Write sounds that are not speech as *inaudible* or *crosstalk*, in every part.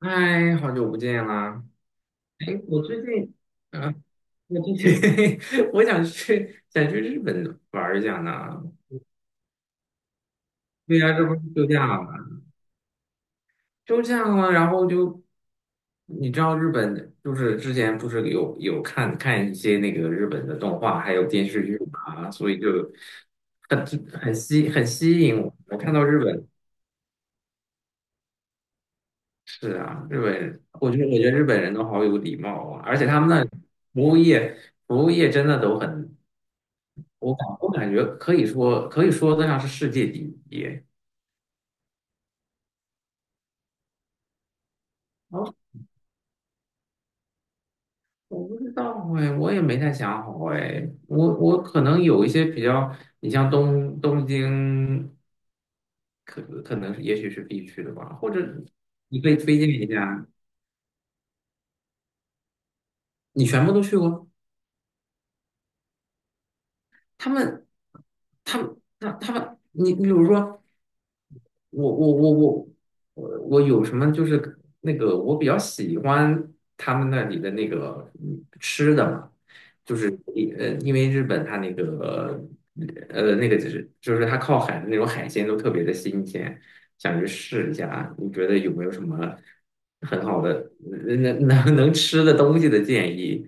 嗨，好久不见啦！哎，我最近，啊，我最近 *laughs* 我想去日本玩一下呢。对呀，这不是休假了吗？休假了，然后就你知道日本就是之前不是有看一些那个日本的动画还有电视剧嘛，所以就很很吸引我。我看到日本是啊，日本，我觉得日本人都好有礼貌啊，而且他们那服务业服务业真的都很。我感觉可以说得上是世界第一。哦，我不知道哎，我也没太想好哎。我可能有一些比较，你像东京，可能也许是必去的吧，或者你可以推荐一下。你全部都去过？他们，他们，他们，你比如说，我我我我我有什么就是那个我比较喜欢他们那里的那个吃的嘛，就是呃，因为日本它那个就是它靠海的那种海鲜都特别的新鲜，想去试一下啊，你觉得有没有什么很好的能吃的东西的建议？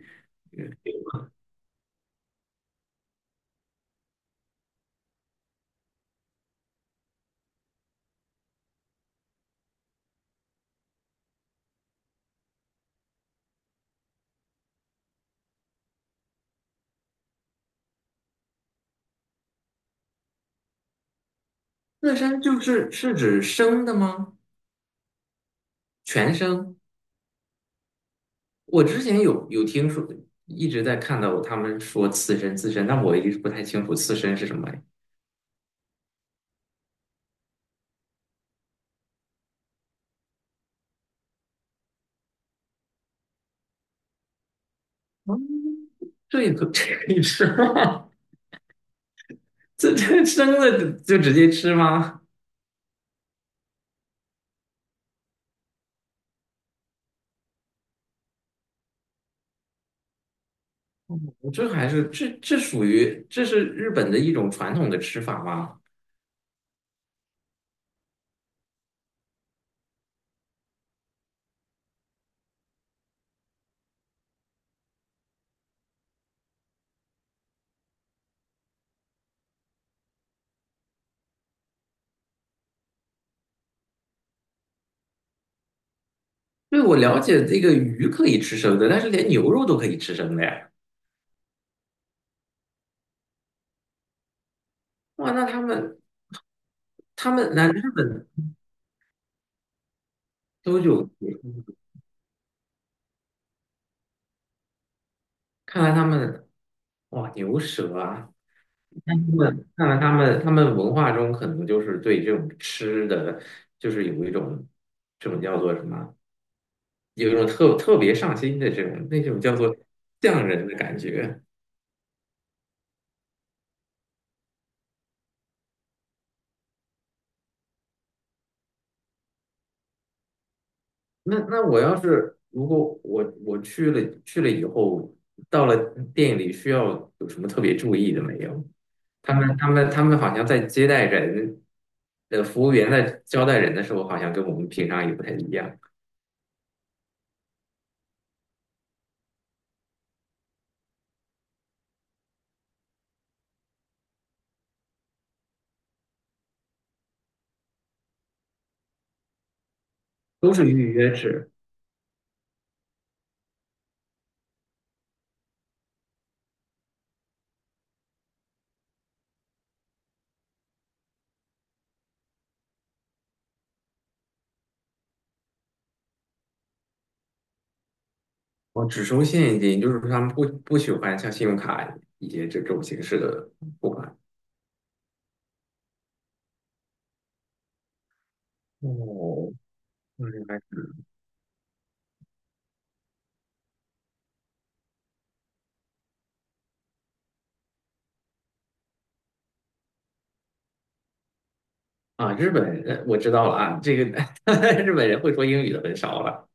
刺身就是是指生的吗？全生？我之前有听说，一直在看到他们说刺身，但我一直不太清楚刺身是什么呀。哦 *laughs* 这也可以吃吗？*laughs* 这这生的就直接吃吗？哦，这还是这属于这是日本的一种传统的吃法吗？对，我了解这个鱼可以吃生的，但是连牛肉都可以吃生的呀。哇，那他们他们那日本都有，看来他们哇牛舌啊。看来他们文化中可能就是对这种吃的，就是有一种这种叫做什么，有一种特别上心的这种那种叫做匠人的感觉。那我要是如果我去了以后，到了店里需要有什么特别注意的没有？他们好像在接待人，呃，服务员在招待人的时候，好像跟我们平常也不太一样，都是预约制。我只收现金，就是说他们不喜欢像信用卡以及这种形式的付款。哦，那明白啊，日本人我知道了啊，这个 *laughs* 日本人会说英语的很少了。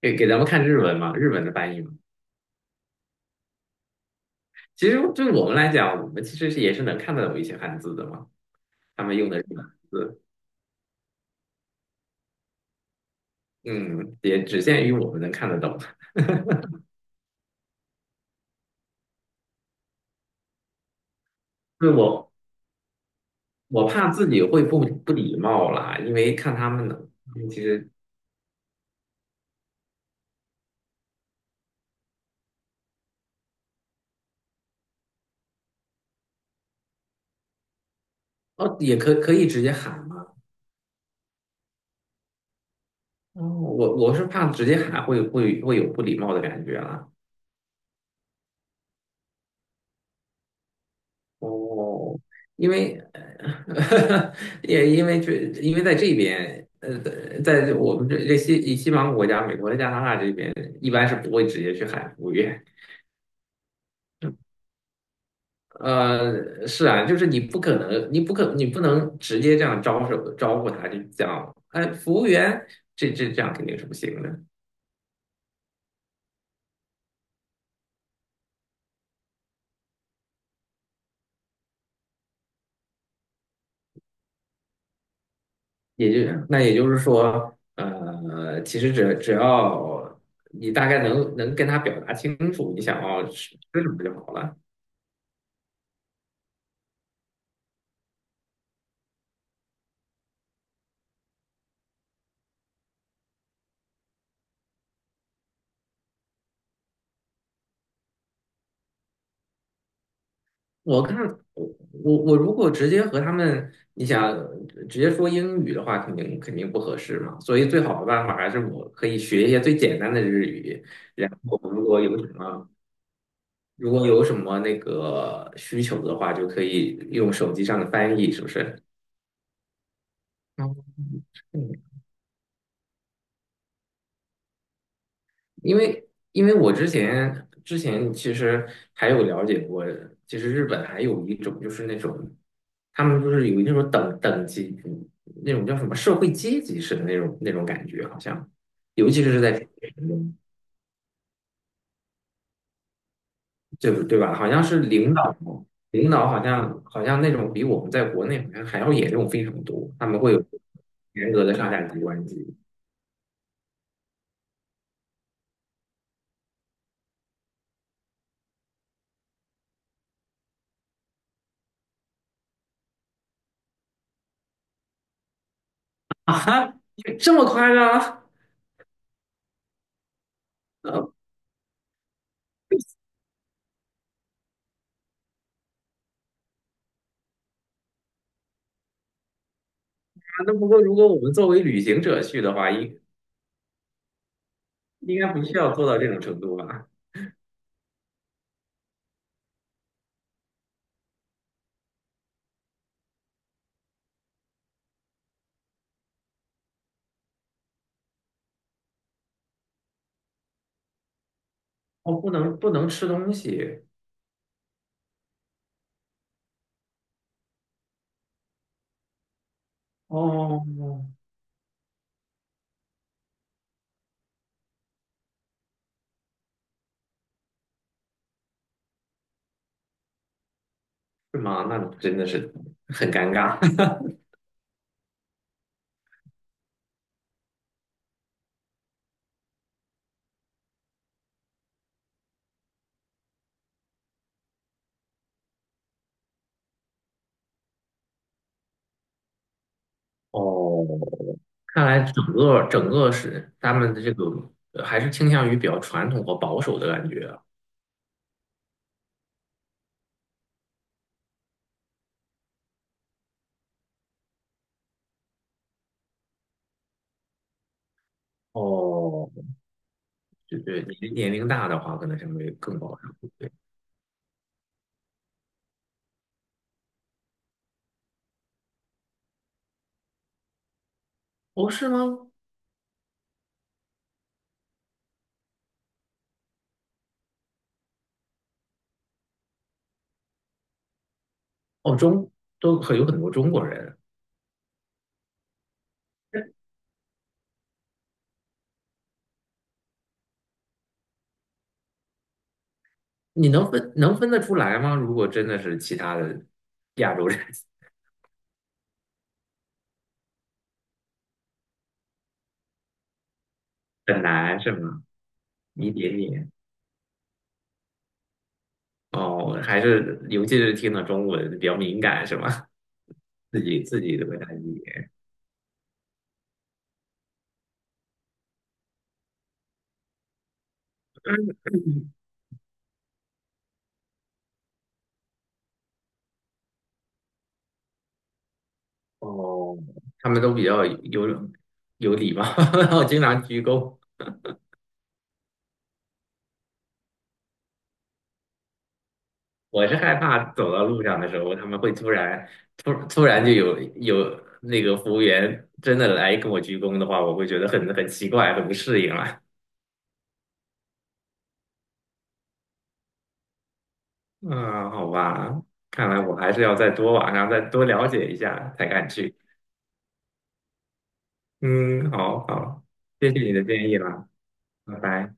给给咱们看日文嘛，日文的翻译嘛。其实对我们来讲，我们其实是也是能看得懂一些汉字的嘛，他们用的日本字，嗯，也只限于我们能看得懂。对我，我怕自己会不礼貌啦，因为看他们的，其实哦，也可以直接喊嘛。哦，我我是怕直接喊会有不礼貌的感觉了。哦，因为呃 *laughs* 也因为这因为在这边呃，在我们这西方国家，美国的加拿大这边一般是不会直接去喊服务员。呃，是啊，就是你不可能，你不能直接这样招手招呼他，就讲，哎，服务员，这样肯定是不行的。也就是说，呃，其实只要你大概能跟他表达清楚你想要吃什么就好了。我看我我如果直接和他们，你想直接说英语的话，肯定不合适嘛。所以最好的办法还是我可以学一些最简单的日语，然后如果有什么那个需求的话，就可以用手机上的翻译，是不是？嗯，因为我之前其实还有了解过，其实日本还有一种就是那种，他们就是有那种等级，那种叫什么社会阶级式的那种感觉，好像，尤其是在就是对吧？好像是领导好像那种比我们在国内好像还要严重非常多，他们会有严格的上下级关系啊，这么夸张？呃，那不过如果我们作为旅行者去的话，应该不需要做到这种程度吧？哦，不能吃东西哦，是吗？那真的是很尴尬 *laughs* 哦。看来整个是他们的这个呃还是倾向于比较传统和保守的感觉啊哦，对对，年龄大的话，可能相对更保守。对，哦，是吗？哦，中都很有很多中国人，你能分得出来吗？如果真的是其他的亚洲人，*laughs* 很难是吗？一点点。哦，还是尤其是听了中文比较敏感是吗？*laughs* 自己的会难理解。嗯哦，他们都比较有礼貌，*laughs* 我经常鞠躬。我是害怕走到路上的时候，他们会突然就有那个服务员真的来跟我鞠躬的话，我会觉得很奇怪，很不适应了。嗯，好吧，看来我还是要再多网上再多了解一下才敢去。嗯，好好，谢谢你的建议啦，拜拜。